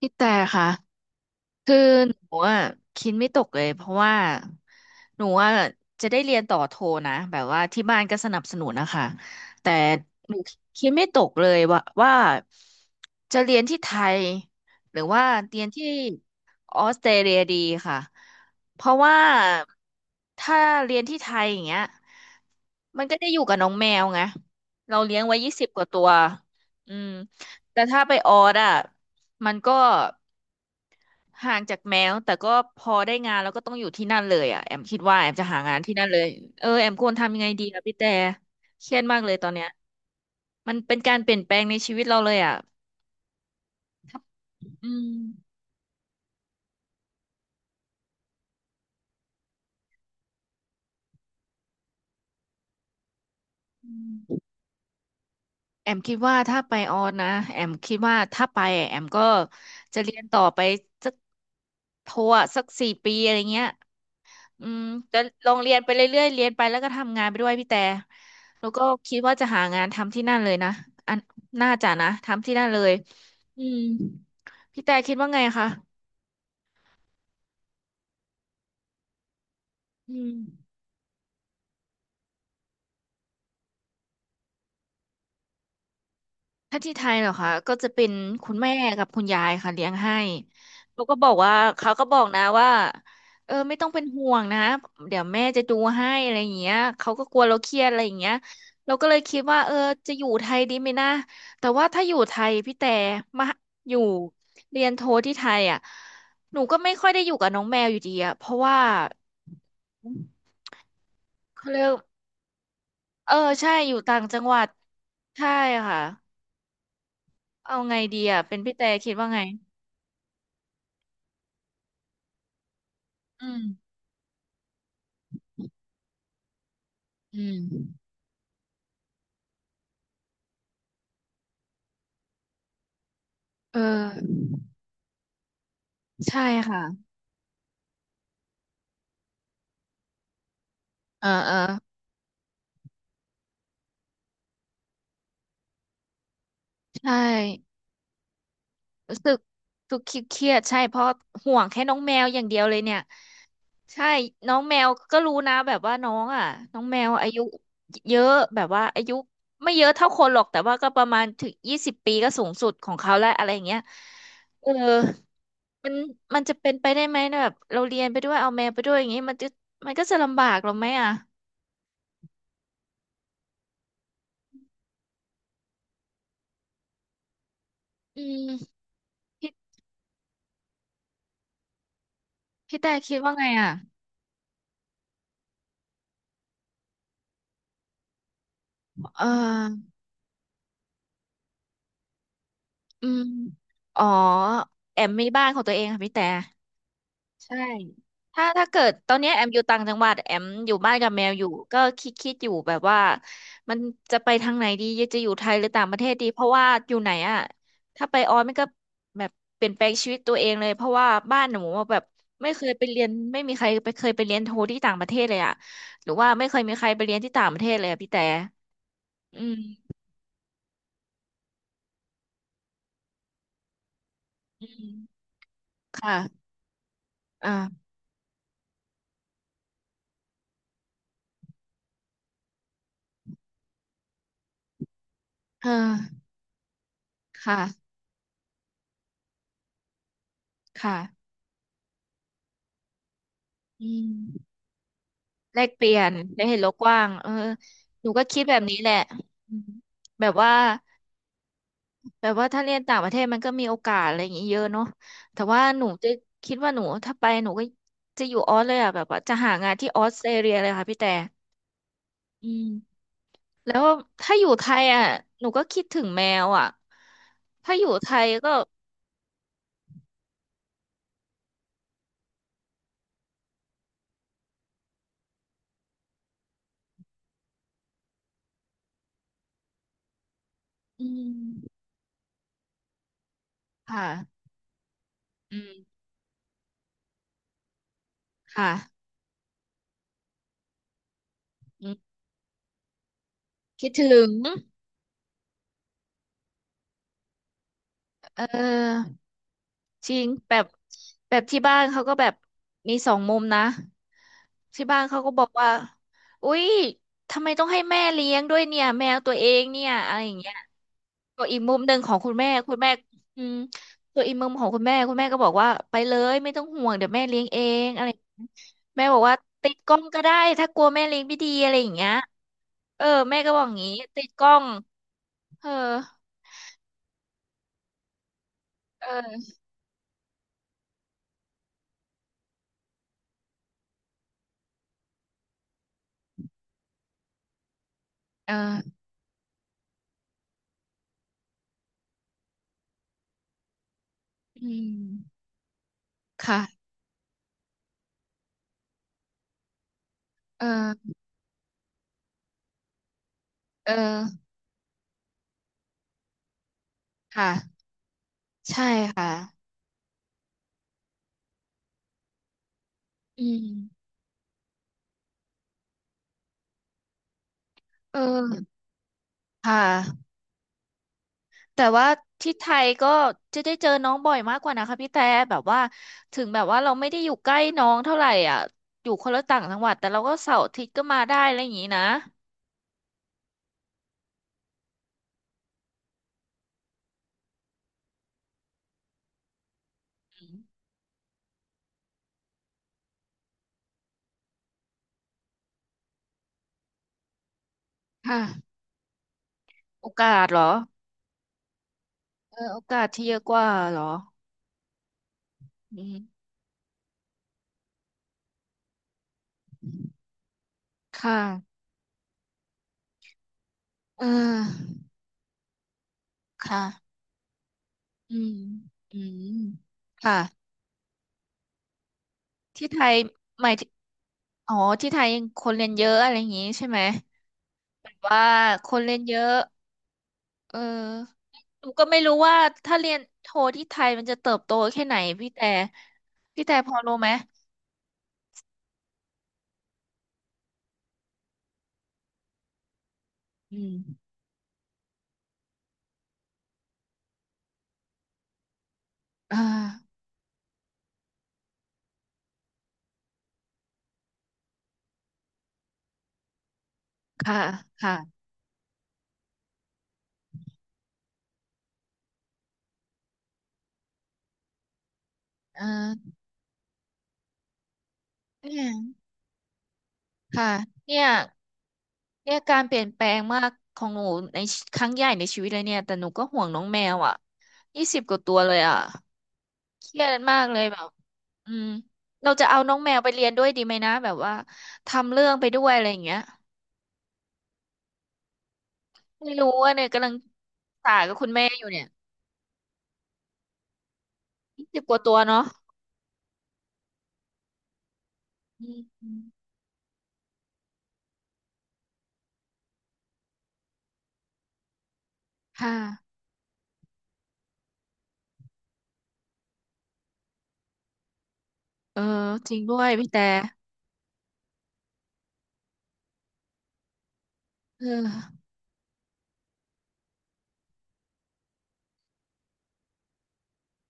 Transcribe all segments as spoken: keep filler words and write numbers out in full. พี่แต่ค่ะคือหนูอ่ะคิดไม่ตกเลยเพราะว่าหนูอ่ะจะได้เรียนต่อโทนะแบบว่าที่บ้านก็สนับสนุนนะคะแต่หนูคิดไม่ตกเลยว่าว่าจะเรียนที่ไทยหรือว่าเรียนที่ออสเตรเลียดีค่ะเพราะว่าถ้าเรียนที่ไทยอย่างเงี้ยมันก็ได้อยู่กับน้องแมวไงเราเลี้ยงไว้ยี่สิบกว่าตัวอืมแต่ถ้าไปออสอ่ะมันก็ ห่างจากแมวแต่ก็พอได้งานแล้วก็ต้องอยู่ที่นั่นเลยอ่ะแอมคิดว่าแอมจะหางานที่นั่นเลยเออแอมควรทำยังไงดีอะพี่แต่เครียดมากเลยตอนเนี้ยมันเป็นการเปลี่ยนแปลงในชีวิตเราเลยอ่ะอืมอืมแอมคิดว่าถ้าไปออสนะแอมคิดว่าถ้าไปอะแอมก็จะเรียนต่อไปสักโทอะสักสี่ปีอะไรเงี้ย อืมแต่ลองเรียนไปเรื่อยๆเรียนไปแล้วก็ทำงานไปด้วยพี่แต่แล้วก็คิดว่าจะหางานทำที่นั่นเลยนะอันน่าจะนะทำที่นั่นเลยอืมพี่แต่คิดว่าไงคะอืม ถ้าที่ไทยเหรอคะก็จะเป็นคุณแม่กับคุณยายค่ะเลี้ยงให้เขาก็บอกว่าเขาก็บอกนะว่าเออไม่ต้องเป็นห่วงนะเดี๋ยวแม่จะดูให้อะไรอย่างเงี้ยเขาก็กลัวเราเครียดอะไรอย่างเงี้ยเราก็เลยคิดว่าเออจะอยู่ไทยดีไหมนะแต่ว่าถ้าอยู่ไทยพี่แต่มาอยู่เรียนโทที่ไทยอ่ะหนูก็ไม่ค่อยได้อยู่กับน้องแมวอยู่ดีอ่ะเพราะว่าเขาเรียกเออใช่อยู่ต่างจังหวัดใช่ค่ะเอาไงดีอ่ะเป็นพี่แต่คิดว่าไงอืม อืมเออใช่ค่ะเออเออใช่รู้สึกรู้สึกคิดเครียดๆใช่เพราะห่วงแค่น้องแมวอย่างเดียวเลยเนี่ยใช่น้องแมวก็รู้นะแบบว่าน้องอ่ะน้องแมวอายุเยอะแบบว่าอายุไม่เยอะเท่าคนหรอกแต่ว่าก็ประมาณถึงยี่สิบปีก็สูงสุดของเขาแล้วอะไรอย่างเงี้ยเออมันมันจะเป็นไปได้ไหมนะแบบเราเรียนไปด้วยเอาแมวไปด้วยอย่างงี้มันจะมันก็จะลำบากหรอไหมอ่ะอืมพี่พี่แต่คิดว่าไงอ่ะเออ อืมอ๋อแอมมีบ้านของตัวเองค่ะพี่แต่ใช่ถ้าถ้าเกิดตอนเนี้ยแอมอยู่ต่างจังหวัดแอมอยู่บ้านกับแมวอยู่ก็คิดคิดอยู่แบบว่า มันจะไปทางไหนดี จะอยู่ไทยหรือต่างประเทศดี เพราะว่าอยู่ไหนอ่ะถ้าไปออสมันก็แบบเปลี่ยนแปลงชีวิตตัวเองเลย เพราะว่าบ้านหนูอะแบบไม่เคยไปเรียนไม่มีใครไปเคยไปเรียนโทที่ต่างประเทศเลยอ่ะหรือว่าไม่เคยมีใครไปเรียนที่ต่างประเทศเลยอะพี่แต่อืมอืมค่ะอ่าเออค่ะค่ะ อืมแลกเปลี่ยนได้เห็นโลกกว้างเออหนูก็คิดแบบนี้แหละอืมแบบว่าแบบว่าถ้าเรียนต่างประเทศมันก็มีโอกาสอะไรอย่างงี้เยอะเนาะแต่ว่าหนูจะคิดว่าหนูถ้าไปหนูก็จะอยู่ออสเลยอ่ะแบบว่าจะหางานที่ออสเตรเลียเลยค่ะพี่แต่อืมแล้วถ้าอยู่ไทยอ่ะหนูก็คิดถึงแมวอ่ะถ้าอยู่ไทยก็อืมค่ะอืมค่ะอืมคิดถึงเออ จริงแบบแบบที่บ้านเขาก็แบบมีสองมุมนะที่บ้านเขาก็บอกว่าอุ๊ยทำไมต้องให้แม่เลี้ยงด้วยเนี่ยแมวตัวเองเนี่ยอะไรอย่างเงี้ยก็อีกมุมหนึ่งของคุณแม่คุณแม่อืมตัวอีกมุมของคุณแม่คุณแม่ก็บอกว่าไปเลยไม่ต้องห่วงเดี๋ยวแม่เลี้ยงเองอะไรอย่างเงี้ยแม่บอกว่าติดกล้องก็ได้ถ้ากลัวแม่เลี้ยงไม่ดีอะไรอย่างเงี้ยเออแม่ก็บอกอย่างงี้ติดกล้องเออเออเอออืมค่ะเออเออค่ะ ใช่ค่ะอืมเออค่ะแต่ว่าที่ไทยก็จะได้เจอน้องบ่อยมากกว่านะคะพี่แต่แบบว่าถึงแบบว่าเราไม่ได้อยู่ใกล้น้องเท่าไหร่อ่ะอยู่คนละต่างจังหวัดแต่เราก็เสาร์อาทิตย์ก็มาได้อะไรอย่างนี้นะอืมค่ะโอกาสเหรอเออโอกาสที่เยอะกว่าเหรออืมค่ะเออค่ะอืมอืมค่ะที่ไทยหมายถึงอ๋อที่ไทยคนเรียนเยอะอะไรอย่างนี้ใช่ไหม แบบว่าคนเรียนเยอะเออหนูก็ไม่รู้ว่าถ้าเรียนโทที่ไทยมันจะเติบโตแค่ไหนพี่แต่พี่แต่พอรู้ไหมอืมอ่าค่ะค่ะเออเนี่ยค่ะเนี่ยเนี่ยการเปลี่ยนแปลงมากของหนูในครั้งใหญ่ในชีวิตเลยเนี่ยแต่หนูก็ห่วงน้องแมวอ่ะยี่สิบกว่าตัวเลยอ่ะเครียดมากเลยแบบอืมเราจะเอาน้องแมวไปเรียนด้วยดีไหมนะแบบว่าทำเรื่องไปด้วยอะไรอย่างเงี้ย ไม่รู้ว่าเนี่ยกำลังปรึกษากับคุณแม่อยู่เนี่ยสิบกว่าตัวเนาะอืมค่ะเออจริงด้วยพี่แต่เออ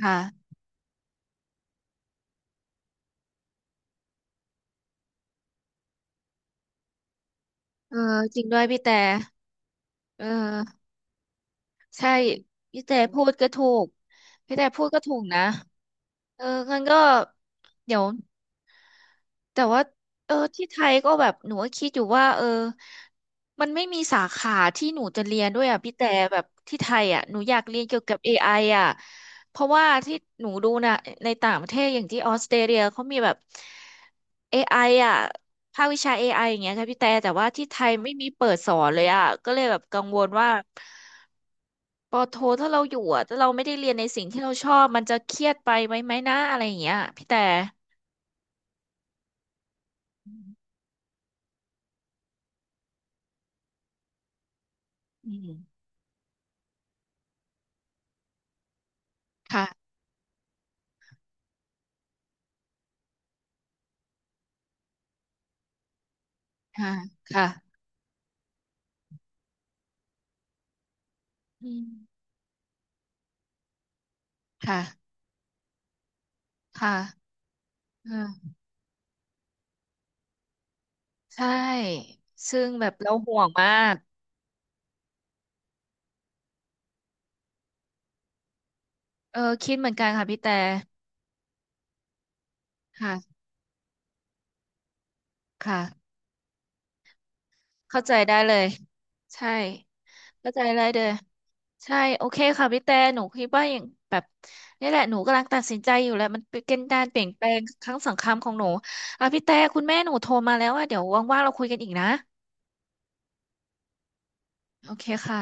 ค่ะเออจริงด้วยพี่แต่เออใช่พี่แต่พูดก็ถูกพี่แต่พูดก็ถูกนะ เอองั้นก็เดี๋ยว แต่ว่าเออที่ไทยก็แบบหนูก็คิดอยู่ว่าเออมันไม่มีสาขาที่หนูจะเรียนด้วยอ่ะพี่แต่แบบที่ไทยอ่ะหนูอยากเรียนเกี่ยวกับ a ไออ่ะเพราะว่าที่หนูดูนะในต่างประเทศอย่างที่ออสเตรเลียเขามีแบบเอ ไอ ออ่ะภาควิชา a ไออย่างเงี้ยค่ะพี่แต่แต่ว่าที่ไทยไม่มีเปิดสอนเลยอ่ะก็เลยแบบกังวลว่าปอโทถ้าเราอยู่อ่ะถ้าเราไม่ได้เรียนในสิ่งที่เราชอบมันจะเครียดไปไหมไหมนะอะไรอย่างเงี้ยพี่แต่อืมอืมค่ะ ค่ะ ค่ะ อืมค่ะค่ะเออใช่ ซึ่งแบบเราห่วงมาก เออคิดเหมือนกันค่ะพี่แต่ค่ะค่ะ เข้าใจได้เลย ใช่ เข้าใจได้เลยใช่ โอเคค่ะพี่แต่หนูคิดว่าอย่างแบบนี่แหละ หนูกำลังตัดสินใจอยู่แหละมันเป็นการเปลี่ยนแปลงครั้งสำคัญของหนูอ่ะพี่แต่คุณแม่หนูโทรมาแล้วอ่ะเดี๋ยวว่างๆเราคุยกันอีกนะโอเคค่ะ